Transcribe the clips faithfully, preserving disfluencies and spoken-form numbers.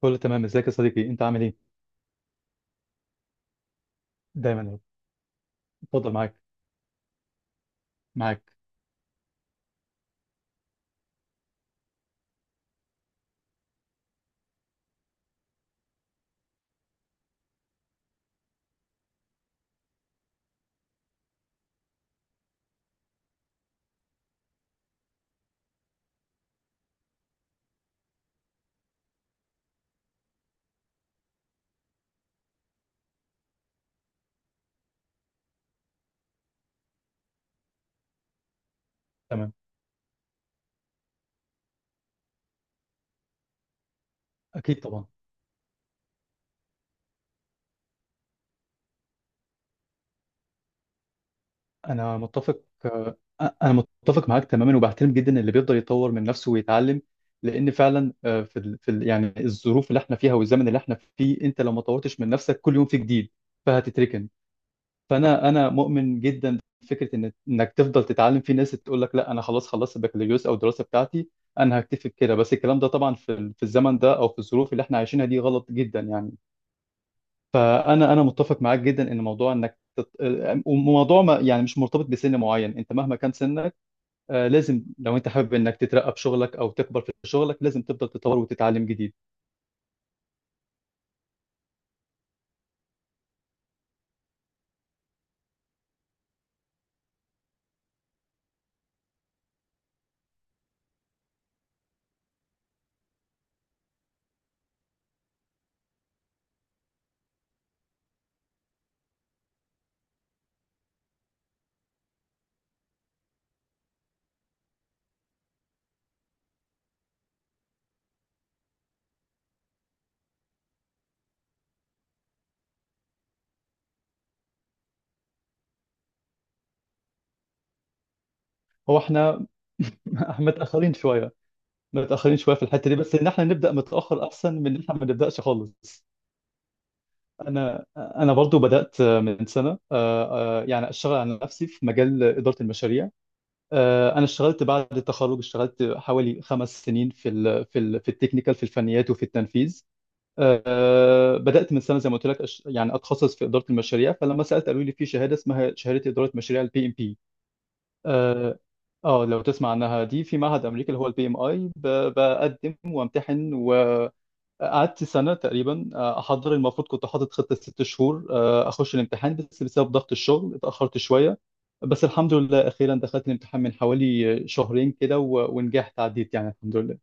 كله تمام، ازيك يا صديقي؟ انت عامل ايه؟ دايما يا رب. اتفضل معاك. معاك. تمام، اكيد طبعا. انا متفق. أ- انا متفق معاك تماما، وبحترم جدا اللي بيقدر يطور من نفسه ويتعلم. لان فعلا آه، في ال... في ال... يعني الظروف اللي احنا فيها والزمن اللي احنا فيه، انت لو ما طورتش من نفسك كل يوم في جديد فهتتركن. فانا انا مؤمن جدا بفكره ان انك تفضل تتعلم. في ناس تقول لك لا، انا خلاص خلصت البكالوريوس او الدراسه بتاعتي، انا هكتفي بكده. بس الكلام ده طبعا في ال- في الزمن ده، او في الظروف اللي احنا عايشينها دي، غلط جدا يعني. فانا انا متفق معاك جدا ان موضوع انك تت... وموضوع ما يعني مش مرتبط بسن معين، انت مهما كان سنك آه، لازم. لو انت حابب انك تترقى في شغلك او تكبر في شغلك، لازم تفضل تتطور وتتعلم جديد. هو احنا متاخرين شويه، متاخرين شويه في الحته دي، بس ان احنا نبدا متاخر احسن من ان احنا ما نبداش خالص. انا انا برضو بدات من سنه، آه، آه، يعني اشتغل على نفسي في مجال اداره المشاريع. آه، انا اشتغلت بعد التخرج، اشتغلت حوالي خمس سنين في ال في ال في التكنيكال، في الفنيات وفي التنفيذ. آه، بدات من سنه زي ما قلت لك، أش- يعني اتخصص في اداره المشاريع. فلما سالت قالوا لي في شهاده اسمها شهاده اداره مشاريع بي ام بي. اه. آه، لو تسمع عنها، دي في معهد امريكا اللي هو بي ام اي، بقدم وامتحن. قعدت سنة تقريبا آه، أحضر. المفروض كنت حاطط خطة ست شهور آه، أخش الامتحان، بس بسبب ضغط الشغل اتأخرت شوية. بس الحمد لله، أخيرا دخلت الامتحان من حوالي شهرين كده و- ونجحت، عديت يعني الحمد لله.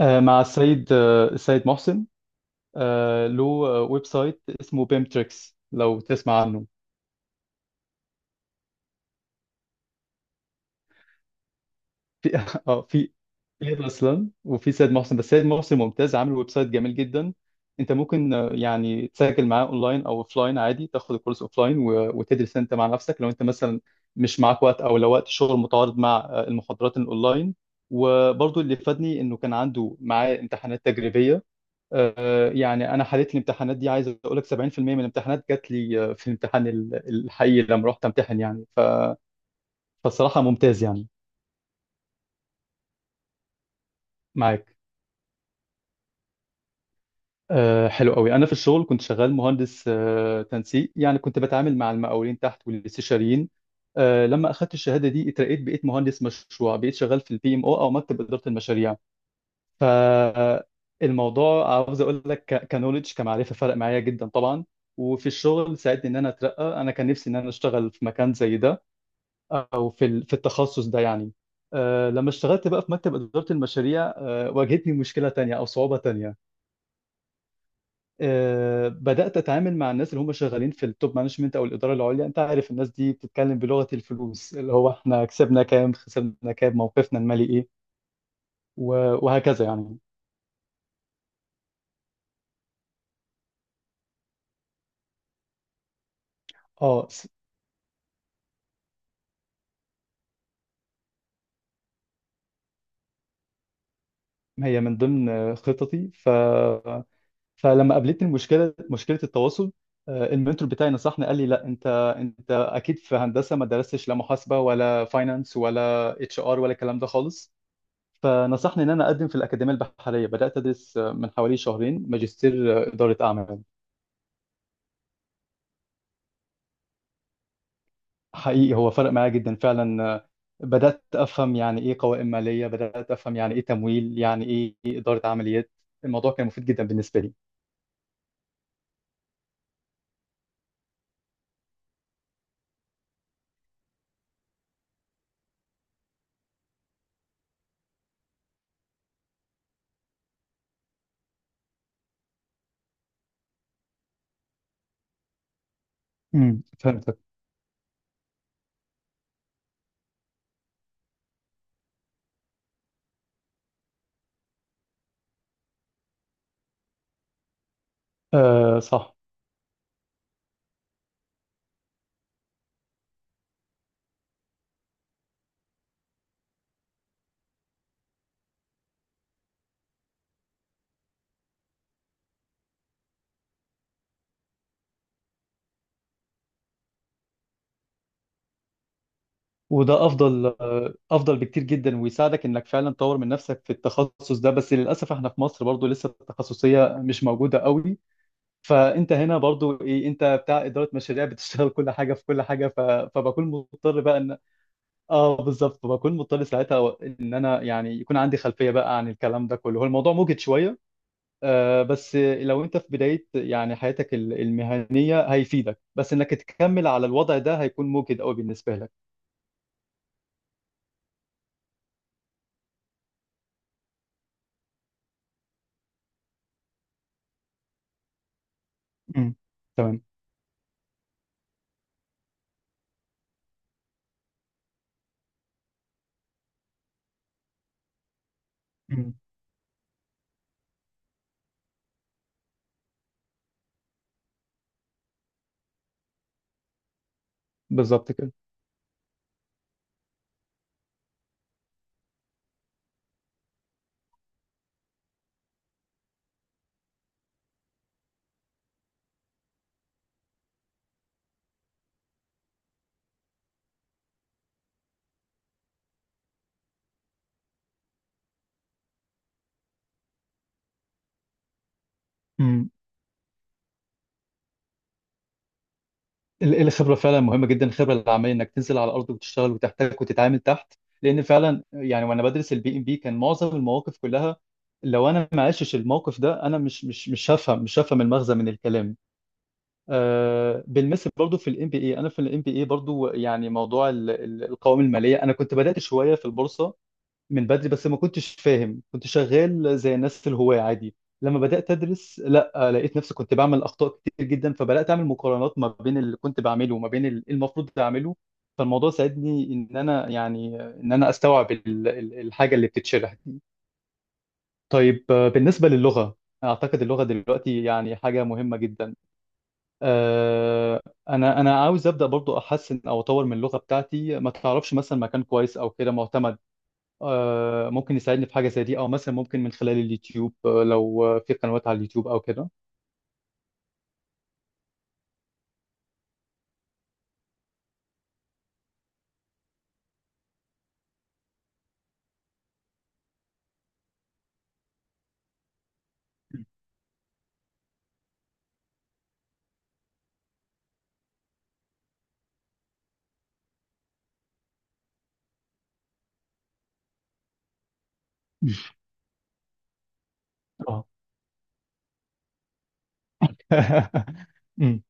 آه، مع السيد، آه، السيد محسن. آه، له ويب سايت اسمه بيمتريكس، لو تسمع عنه. في اه، في في رسلان وفي سيد محسن، بس سيد محسن ممتاز، عامل ويب سايت جميل جدا. انت ممكن آه، يعني تسجل معاه اونلاين او اوفلاين عادي، تاخد الكورس اوفلاين و- وتدرس انت مع نفسك، لو انت مثلا مش معاك وقت، او لو وقت الشغل متعارض مع آه، المحاضرات الاونلاين. وبرضو اللي فادني انه كان عنده معاه امتحانات تجريبيه. آه، يعني انا حليت الامتحانات دي، عايز اقول لك سبعين في المئة من الامتحانات جات لي آه، في الامتحان ال- الحقيقي لما رحت امتحن. يعني ف... فالصراحه ممتاز يعني. معاك. أه، حلو قوي. انا في الشغل كنت شغال مهندس أه تنسيق، يعني كنت بتعامل مع المقاولين تحت والاستشاريين. أه لما اخدت الشهاده دي اترقيت، بقيت مهندس مشروع، بقيت شغال في بي ام او، او مكتب اداره المشاريع. فالموضوع عاوز اقول لك ك- كنولج، كمعرفه فرق معايا جدا طبعا. وفي الشغل ساعدني ان انا اترقى، انا كان نفسي ان انا اشتغل في مكان زي ده، او في ال- في التخصص ده يعني. أه لما اشتغلت بقى في مكتب اداره المشاريع، أه واجهتني مشكله تانية او صعوبه تانية. آه، بدأت أتعامل مع الناس اللي هم شغالين في التوب مانجمنت أو الإدارة العليا. أنت عارف الناس دي بتتكلم بلغة الفلوس، اللي هو إحنا كسبنا كام، خسرنا كام، موقفنا المالي إيه، و- وهكذا يعني. أه س- هي من ضمن آه، خططي. ف... فلما قابلتني المشكلة، مشكلة التواصل، آه، المنتور بتاعي نصحني، قال لي لا، انت انت اكيد في هندسه ما درستش لا محاسبه ولا فاينانس ولا اتش ار ولا الكلام ده خالص. فنصحني ان انا اقدم في الاكاديميه البحريه، بدات ادرس من حوالي شهرين ماجستير اداره اعمال. حقيقي هو فرق معايا جدا فعلا. بدات افهم يعني ايه قوائم ماليه، بدات افهم يعني ايه تمويل، يعني ايه اداره عمليات. الموضوع كان مفيد جدا بالنسبه لي. امم فهمتك. آه صح. وده افضل، آه، افضل بكتير جدا، ويساعدك انك فعلا تطور من نفسك في التخصص ده. بس للاسف احنا في مصر برضو لسه التخصصيه مش موجوده قوي. فانت هنا برضو ايه، انت بتاع اداره مشاريع بتشتغل كل حاجه في كل حاجه. ف... فبكون مضطر بقى ان، اه بالظبط، فبكون مضطر ساعتها و- ان انا يعني يكون عندي خلفيه بقى عن الكلام ده كله. هو الموضوع موجد شويه. آه بس لو انت في بدايه يعني حياتك ال- المهنيه هيفيدك، بس انك تكمل على الوضع ده هيكون موجد قوي بالنسبه لك. مم. تمام. مم. بالظبط. كده. ال- الخبرة فعلا مهمة جدا. الخبرة العملية انك تنزل على الارض وتشتغل وتحتك وتتعامل تحت، لان فعلا يعني وانا بدرس بي ام بي كان معظم المواقف كلها لو انا ما عشتش الموقف ده انا مش مش مش هفهم مش هفهم المغزى من الكلام. آه بالمثل برضو في ام بي اي، انا في ام بي اي برضو، يعني موضوع ال- ال- القوائم المالية. انا كنت بدأت شوية في البورصة من بدري، بس ما كنتش فاهم، كنت شغال زي الناس الهواة عادي. لما بدأت أدرس، لا، لقيت نفسي كنت بعمل أخطاء كتير جدا، فبدأت أعمل مقارنات ما بين اللي كنت بعمله وما بين اللي المفروض أعمله. فالموضوع ساعدني إن أنا يعني إن أنا أستوعب ال- ال- الحاجة اللي بتتشرح دي. طيب، آه، بالنسبة للغة، أعتقد اللغة دلوقتي يعني حاجة مهمة جدا. آه، أنا أنا عاوز أبدأ برضو، أحسن أو أطور من اللغة بتاعتي. ما تعرفش مثلا مكان كويس أو كده معتمد آه، ممكن يساعدني في حاجة زي دي؟ أو مثلا ممكن من خلال اليوتيوب، آه، لو آه، في قنوات على اليوتيوب أو كده. اه. أمم،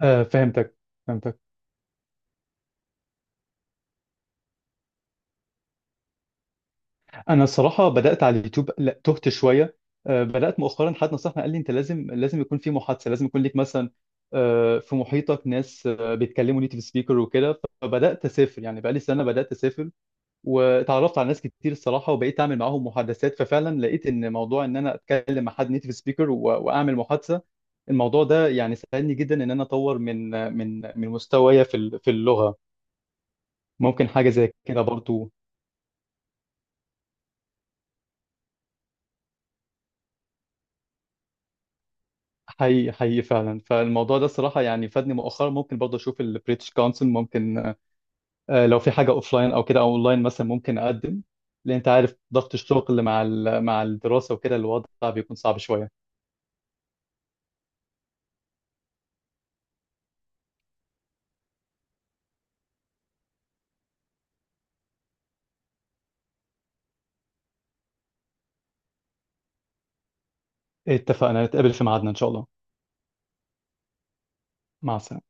آه، فهمتك، فهمتك. انا الصراحه بدات على اليوتيوب، لا، تهت شويه. آه، بدات مؤخرا. حد نصحني قال لي انت لازم، لازم يكون في محادثه، لازم يكون ليك مثلا آه، في محيطك ناس آه، بيتكلموا نيتيف سبيكر وكده. فبدات اسافر، يعني بقالي سنه بدات اسافر، واتعرفت على ناس كتير الصراحه، وبقيت اعمل معاهم محادثات. ففعلا لقيت ان موضوع ان انا اتكلم مع حد نيتيف سبيكر واعمل محادثه، الموضوع ده يعني ساعدني جدا ان انا اطور من من من مستوايا في ال- في اللغه. ممكن حاجه زي كده برضو. حقيقي حقيقي فعلا، فالموضوع ده الصراحه يعني فادني مؤخرا. ممكن برضه اشوف البريتش كونسل. ممكن آه، لو في حاجه اوفلاين او كده، او اونلاين مثلا ممكن اقدم، لان انت عارف ضغط الشغل مع ال- مع الدراسه وكده، الوضع بيكون صعب شويه. اتفقنا، نتقابل في ميعادنا ان شاء الله. مع السلامه.